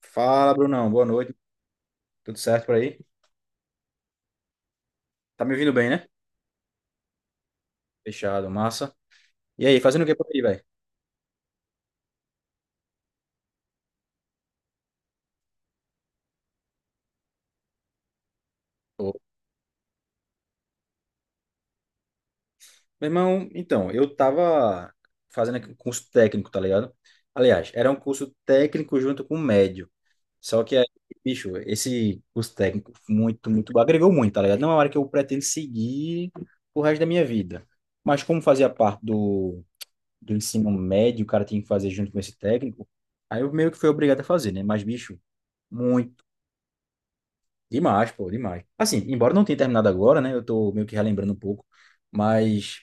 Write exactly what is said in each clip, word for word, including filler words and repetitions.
Fala, Brunão. Boa noite. Tudo certo por aí? Tá me ouvindo bem, né? Fechado, massa. E aí, fazendo o que por aí, velho? Ô, meu irmão, então, eu tava fazendo aqui um curso técnico, tá ligado? Aliás, era um curso técnico junto com médio. Só que aí, bicho, esse curso técnico muito, muito, agregou muito, tá ligado? Não é uma área que eu pretendo seguir o resto da minha vida. Mas como fazia parte do, do, ensino médio, o cara tinha que fazer junto com esse técnico, aí eu meio que fui obrigado a fazer, né? Mas, bicho, muito demais, pô, demais. Assim, embora não tenha terminado agora, né? Eu tô meio que relembrando um pouco, mas,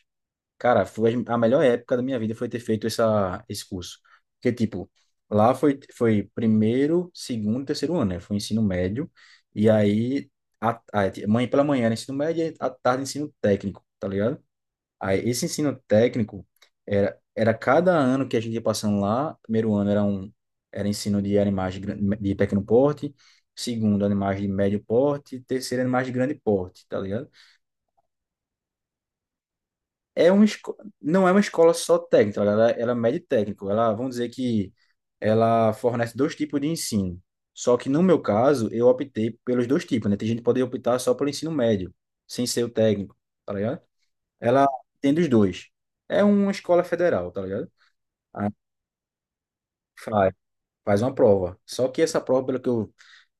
cara, foi a melhor época da minha vida foi ter feito essa, esse curso. Porque, tipo, lá foi, foi primeiro, segundo, terceiro ano, né? Foi ensino médio, e aí, a, a, mãe pela manhã era ensino médio, e à tarde ensino técnico, tá ligado? Aí, esse ensino técnico era, era cada ano que a gente ia passando lá. Primeiro ano era um era ensino de animais de, gran- de pequeno porte, segundo animais de médio porte, terceiro animais de grande porte, tá ligado? É uma esco- não é uma escola só técnica, tá ligado? ela, ela é médio técnico. Ela, vamos dizer que ela fornece dois tipos de ensino. Só que no meu caso, eu optei pelos dois tipos, né? Tem gente que pode optar só pelo ensino médio, sem ser o técnico, tá ligado? Ela tem dos dois. É uma escola federal, tá ligado? Ah, faz, faz uma prova. Só que essa prova, pelo que eu,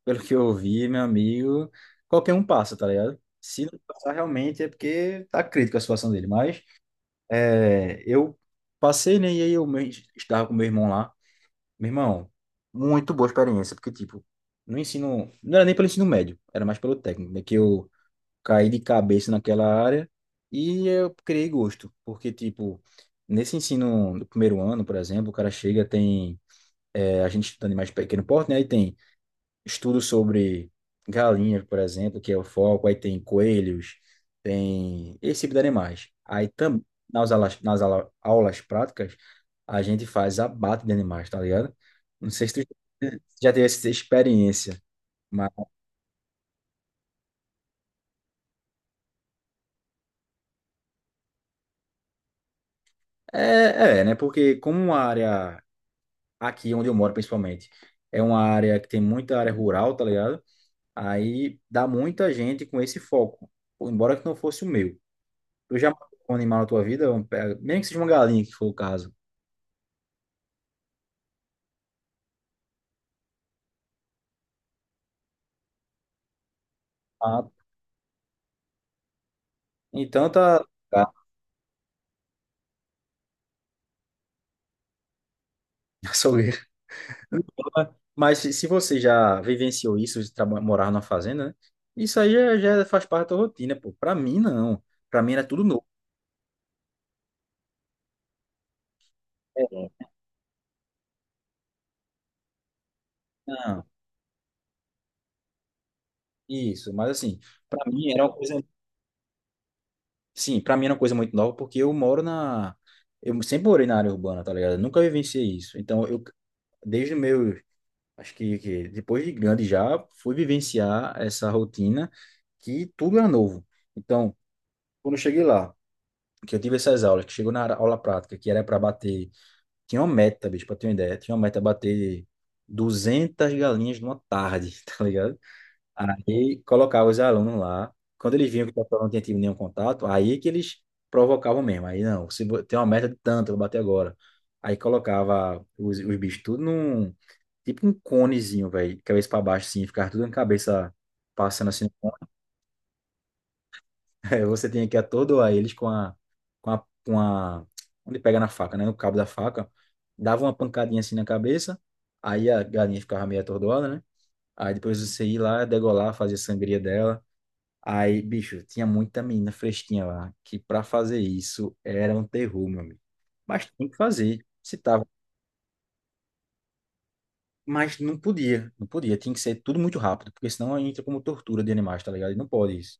pelo que eu vi, meu amigo, qualquer um passa, tá ligado? Se não passar realmente é porque tá crítica a situação dele. Mas é, eu passei, né? E aí eu me- estava com meu irmão lá. Meu irmão, muito boa experiência, porque, tipo, no ensino. Não era nem pelo ensino médio, era mais pelo técnico, né? Que eu caí de cabeça naquela área e eu criei gosto. Porque, tipo, nesse ensino do primeiro ano, por exemplo, o cara chega, tem. É, a gente estuda animais de pequeno porte, né? Aí tem estudos sobre galinhas, por exemplo, que é o foco, aí tem coelhos, tem esse tipo de animais. Aí também, nas aulas, nas aula- aulas práticas, a gente faz abate de animais, tá ligado? Não sei se tu já teve essa experiência, mas é, é, é, né? Porque como uma área, aqui onde eu moro principalmente, é uma área que tem muita área rural, tá ligado? Aí dá muita gente com esse foco, embora que não fosse o meu. Tu já matou um animal na tua vida? Um pe- Mesmo que seja uma galinha, que for o caso. Ah, então tá. Tá. Açougueiro. Mas se se você já vivenciou isso, de traba- morar numa fazenda, né? Isso aí já, já faz parte da tua rotina, pô. Pra mim, não. Pra mim era tudo novo. É. Não, isso. Mas assim, pra mim era uma coisa. Sim, pra mim era uma coisa muito nova, porque eu moro na. Eu sempre morei na área urbana, tá ligado? Eu nunca vivenciei isso. Então, eu, desde o meu. Acho que, que, depois de grande já fui vivenciar essa rotina que tudo era novo. Então, quando eu cheguei lá, que eu tive essas aulas, que chegou na ara- aula prática, que era para bater, tinha uma meta, bicho, para ter uma ideia, tinha uma meta bater duzentas galinhas numa tarde, tá ligado? Aí colocava os alunos lá, quando eles viam que o pessoal não tinha tido nenhum contato, aí que eles provocavam mesmo. Aí não, você bo- tem uma meta de tanto, eu vou bater agora. Aí colocava os, os bichos tudo num tipo um conezinho, velho, cabeça pra baixo, assim, ficar tudo na cabeça passando assim no cone. Aí você tem que atordoar eles com a, com a, com a, onde pega na faca, né? No cabo da faca. Dava uma pancadinha assim na cabeça, aí a galinha ficava meio atordoada, né? Aí depois você ia lá, degolar, fazer sangria dela. Aí, bicho, tinha muita menina fresquinha lá, que pra fazer isso era um terror, meu amigo. Mas tem que fazer. Se tá. Mas não podia, não podia. Tinha que ser tudo muito rápido, porque senão entra como tortura de animais, tá ligado? E não pode isso.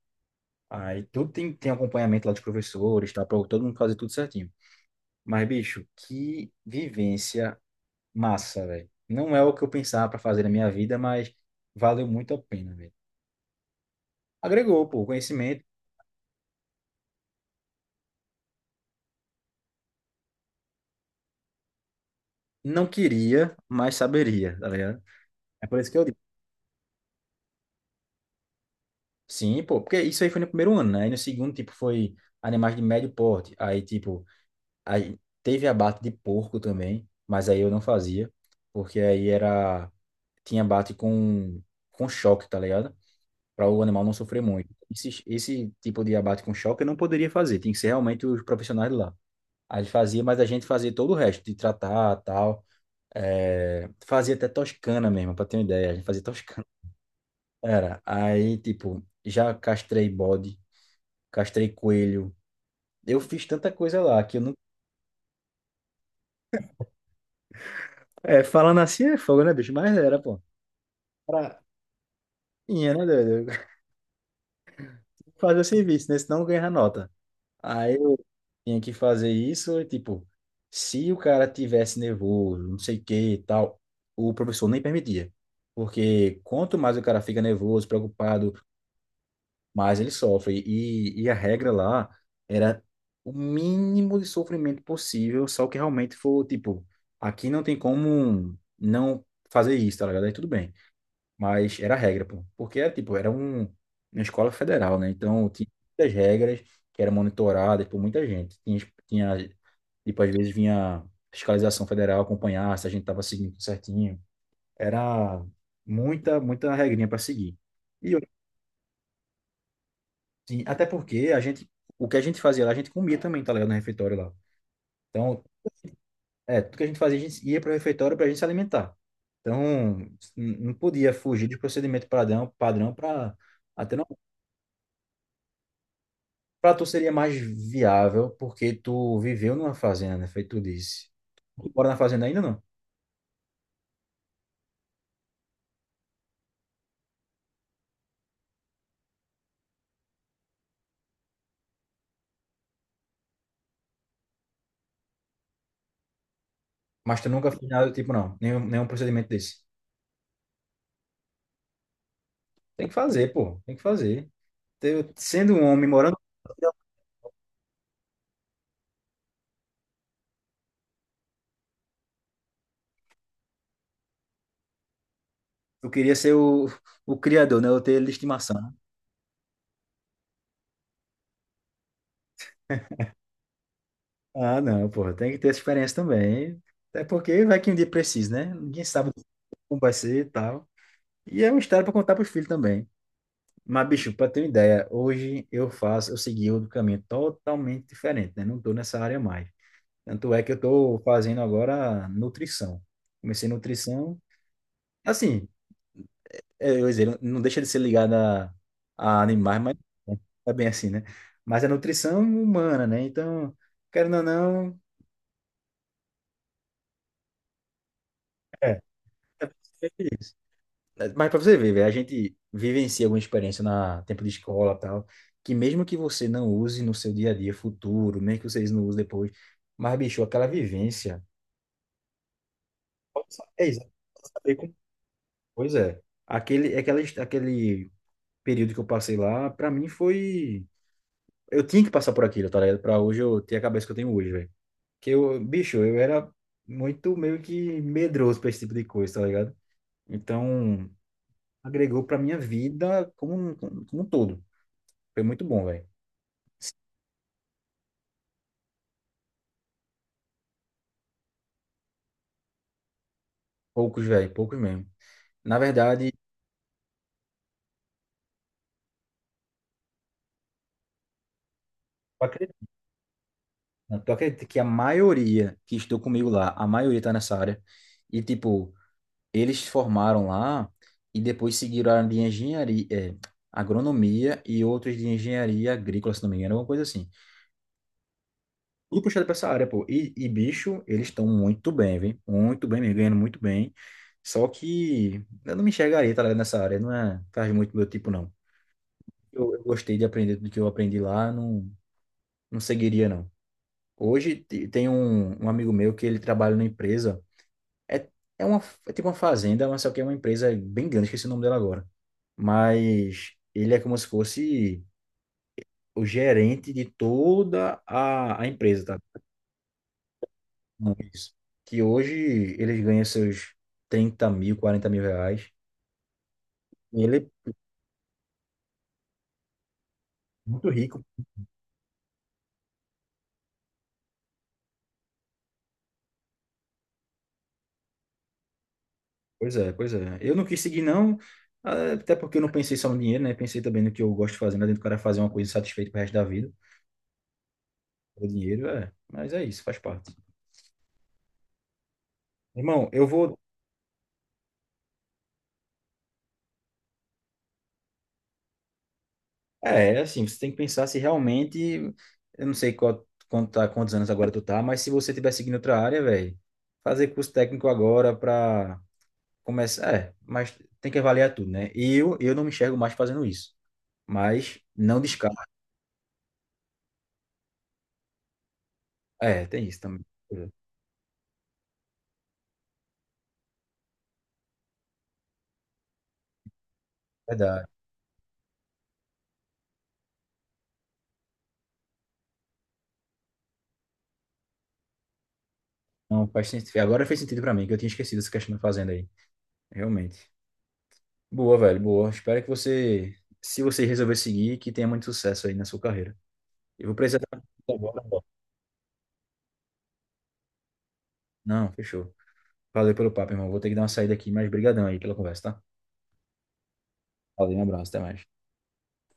Aí tudo tem, tem acompanhamento lá dos professores, tá? Pra todo mundo fazer tudo certinho. Mas, bicho, que vivência massa, velho. Não é o que eu pensava pra fazer na minha vida, mas valeu muito a pena, velho. Agregou, pô, conhecimento. Não queria, mas saberia, tá ligado? É por isso que eu digo. Sim, pô, porque isso aí foi no primeiro ano, né? Aí no segundo, tipo, foi animais de médio porte. Aí, tipo. Aí, teve abate de porco também, mas aí eu não fazia, porque aí era tinha abate com, com choque, tá ligado? Para o animal não sofrer muito. Esse, esse tipo de abate com choque eu não poderia fazer, tem que ser realmente os profissionais lá. Aí ele fazia, mas a gente fazia todo o resto, de tratar, tal. É, fazia até toscana mesmo, para ter uma ideia, a gente fazia toscana. Era, aí, tipo, já castrei bode, castrei coelho. Eu fiz tanta coisa lá que eu não. É, falando assim é fogo, né, bicho? Mas era, pô. Prainha, né, doido? Fazer o serviço, né? Senão ganha nota. Aí eu tinha que fazer isso, e, tipo, se o cara tivesse nervoso, não sei o que e tal, o professor nem permitia. Porque quanto mais o cara fica nervoso, preocupado, mais ele sofre. E, e a regra lá era o mínimo de sofrimento possível, só que realmente for, tipo, aqui não tem como não fazer isso, tá ligado? Aí tudo bem. Mas era regra, pô. Porque era, tipo, era um, uma escola federal, né? Então tinha muitas regras que eram monitoradas por muita gente. Tinha, tinha, tipo, às vezes vinha fiscalização federal acompanhar se a gente tava seguindo tudo certinho. Era muita, muita regrinha para seguir. E eu, assim, até porque a gente, o que a gente fazia lá, a gente comia também, tá ligado? No refeitório lá. Então, é, tudo que a gente fazia, a gente ia para o refeitório para a gente se alimentar. Então, n- não podia fugir de procedimento padrão, padrão para até não. Para tu seria mais viável, porque tu viveu numa fazenda, né? Feito tu disse. Tu mora na fazenda ainda, não? Mas tu nunca fez nada do tipo, não. Nenhum, nenhum procedimento desse. Tem que fazer, pô. Tem que fazer. Eu, sendo um homem morando, eu queria ser o, o criador, né? Eu ter ele de estimação, né? Ah, não, pô. Tem que ter essa experiência também. Até porque vai que um dia precisa, né? Ninguém sabe como vai ser e tal. E é uma história para contar pros filhos também. Mas, bicho, para ter uma ideia, hoje eu faço, eu segui outro caminho totalmente diferente, né? Não tô nessa área mais. Tanto é que eu tô fazendo agora nutrição. Comecei nutrição, assim, é, eu ia dizer, não deixa de ser ligada a, a animais, mas é bem assim, né? Mas é nutrição humana, né? Então, querendo ou não, é. Mas pra você ver, velho, a gente vivencia alguma experiência na tempo de escola e tal, que mesmo que você não use no seu dia a dia futuro, mesmo que vocês não usem depois, mas, bicho, aquela vivência. Pode saber, é isso, pode saber como- Pois é. Aquele, aquela, aquele período que eu passei lá, pra mim foi. Eu tinha que passar por aquilo, tá ligado? Pra hoje eu ter a cabeça que eu tenho hoje, velho. Que eu, bicho, eu era muito meio que medroso pra esse tipo de coisa, tá ligado? Então, agregou pra minha vida como, um- como, como um todo. Foi muito bom, velho. Poucos, velho, poucos mesmo. Na verdade, tu acredita, tu acredita que a maioria que estou comigo lá, a maioria tá nessa área. E, tipo, eles se formaram lá e depois seguiram a área de engenharia, é, agronomia e outros de engenharia agrícola, se não me engano, alguma coisa assim. Tudo puxado pra essa área, pô. E, e bicho, eles estão muito bem, viu? Muito bem, mesmo, ganhando muito bem. Só que eu não me enxergaria, tá ligado, nessa área. Não é, faz muito meu tipo, não. Eu, eu gostei de aprender tudo que eu aprendi lá, não. Não seguiria, não. Hoje te- tem um, um amigo meu que ele trabalha numa empresa. É, é uma, é tipo uma fazenda, mas só que é uma empresa bem grande, esqueci o nome dela agora. Mas ele é como se fosse o gerente de toda a, a empresa, tá? Não, isso. Que hoje eles ganham seus trinta mil, quarenta mil reais. E ele é muito rico. Pois é, pois é. Eu não quis seguir, não. ah, Até porque eu não pensei só no dinheiro, né? Pensei também no que eu gosto de fazer, né? Dentro do cara fazer uma coisa satisfeita pro resto da vida. O dinheiro é, mas é isso, faz parte. Irmão, eu vou. É, é assim, você tem que pensar se realmente. Eu não sei qual, quanto tá, quantos anos agora tu tá, mas se você tiver seguindo outra área, velho, fazer curso técnico agora pra começar. É, mas tem que avaliar tudo, né? E eu, eu não me enxergo mais fazendo isso. Mas não descarto. É, tem isso também. Verdade. Não faz sentido. Agora fez sentido pra mim, que eu tinha esquecido essa questão da fazenda aí. Realmente. Boa, velho, boa. Espero que você, se você resolver seguir, que tenha muito sucesso aí na sua carreira. Eu vou precisar dar uma volta agora. Não, fechou. Valeu pelo papo, irmão. Vou ter que dar uma saída aqui, mas brigadão aí pela conversa, tá? Valeu, um abraço, até mais.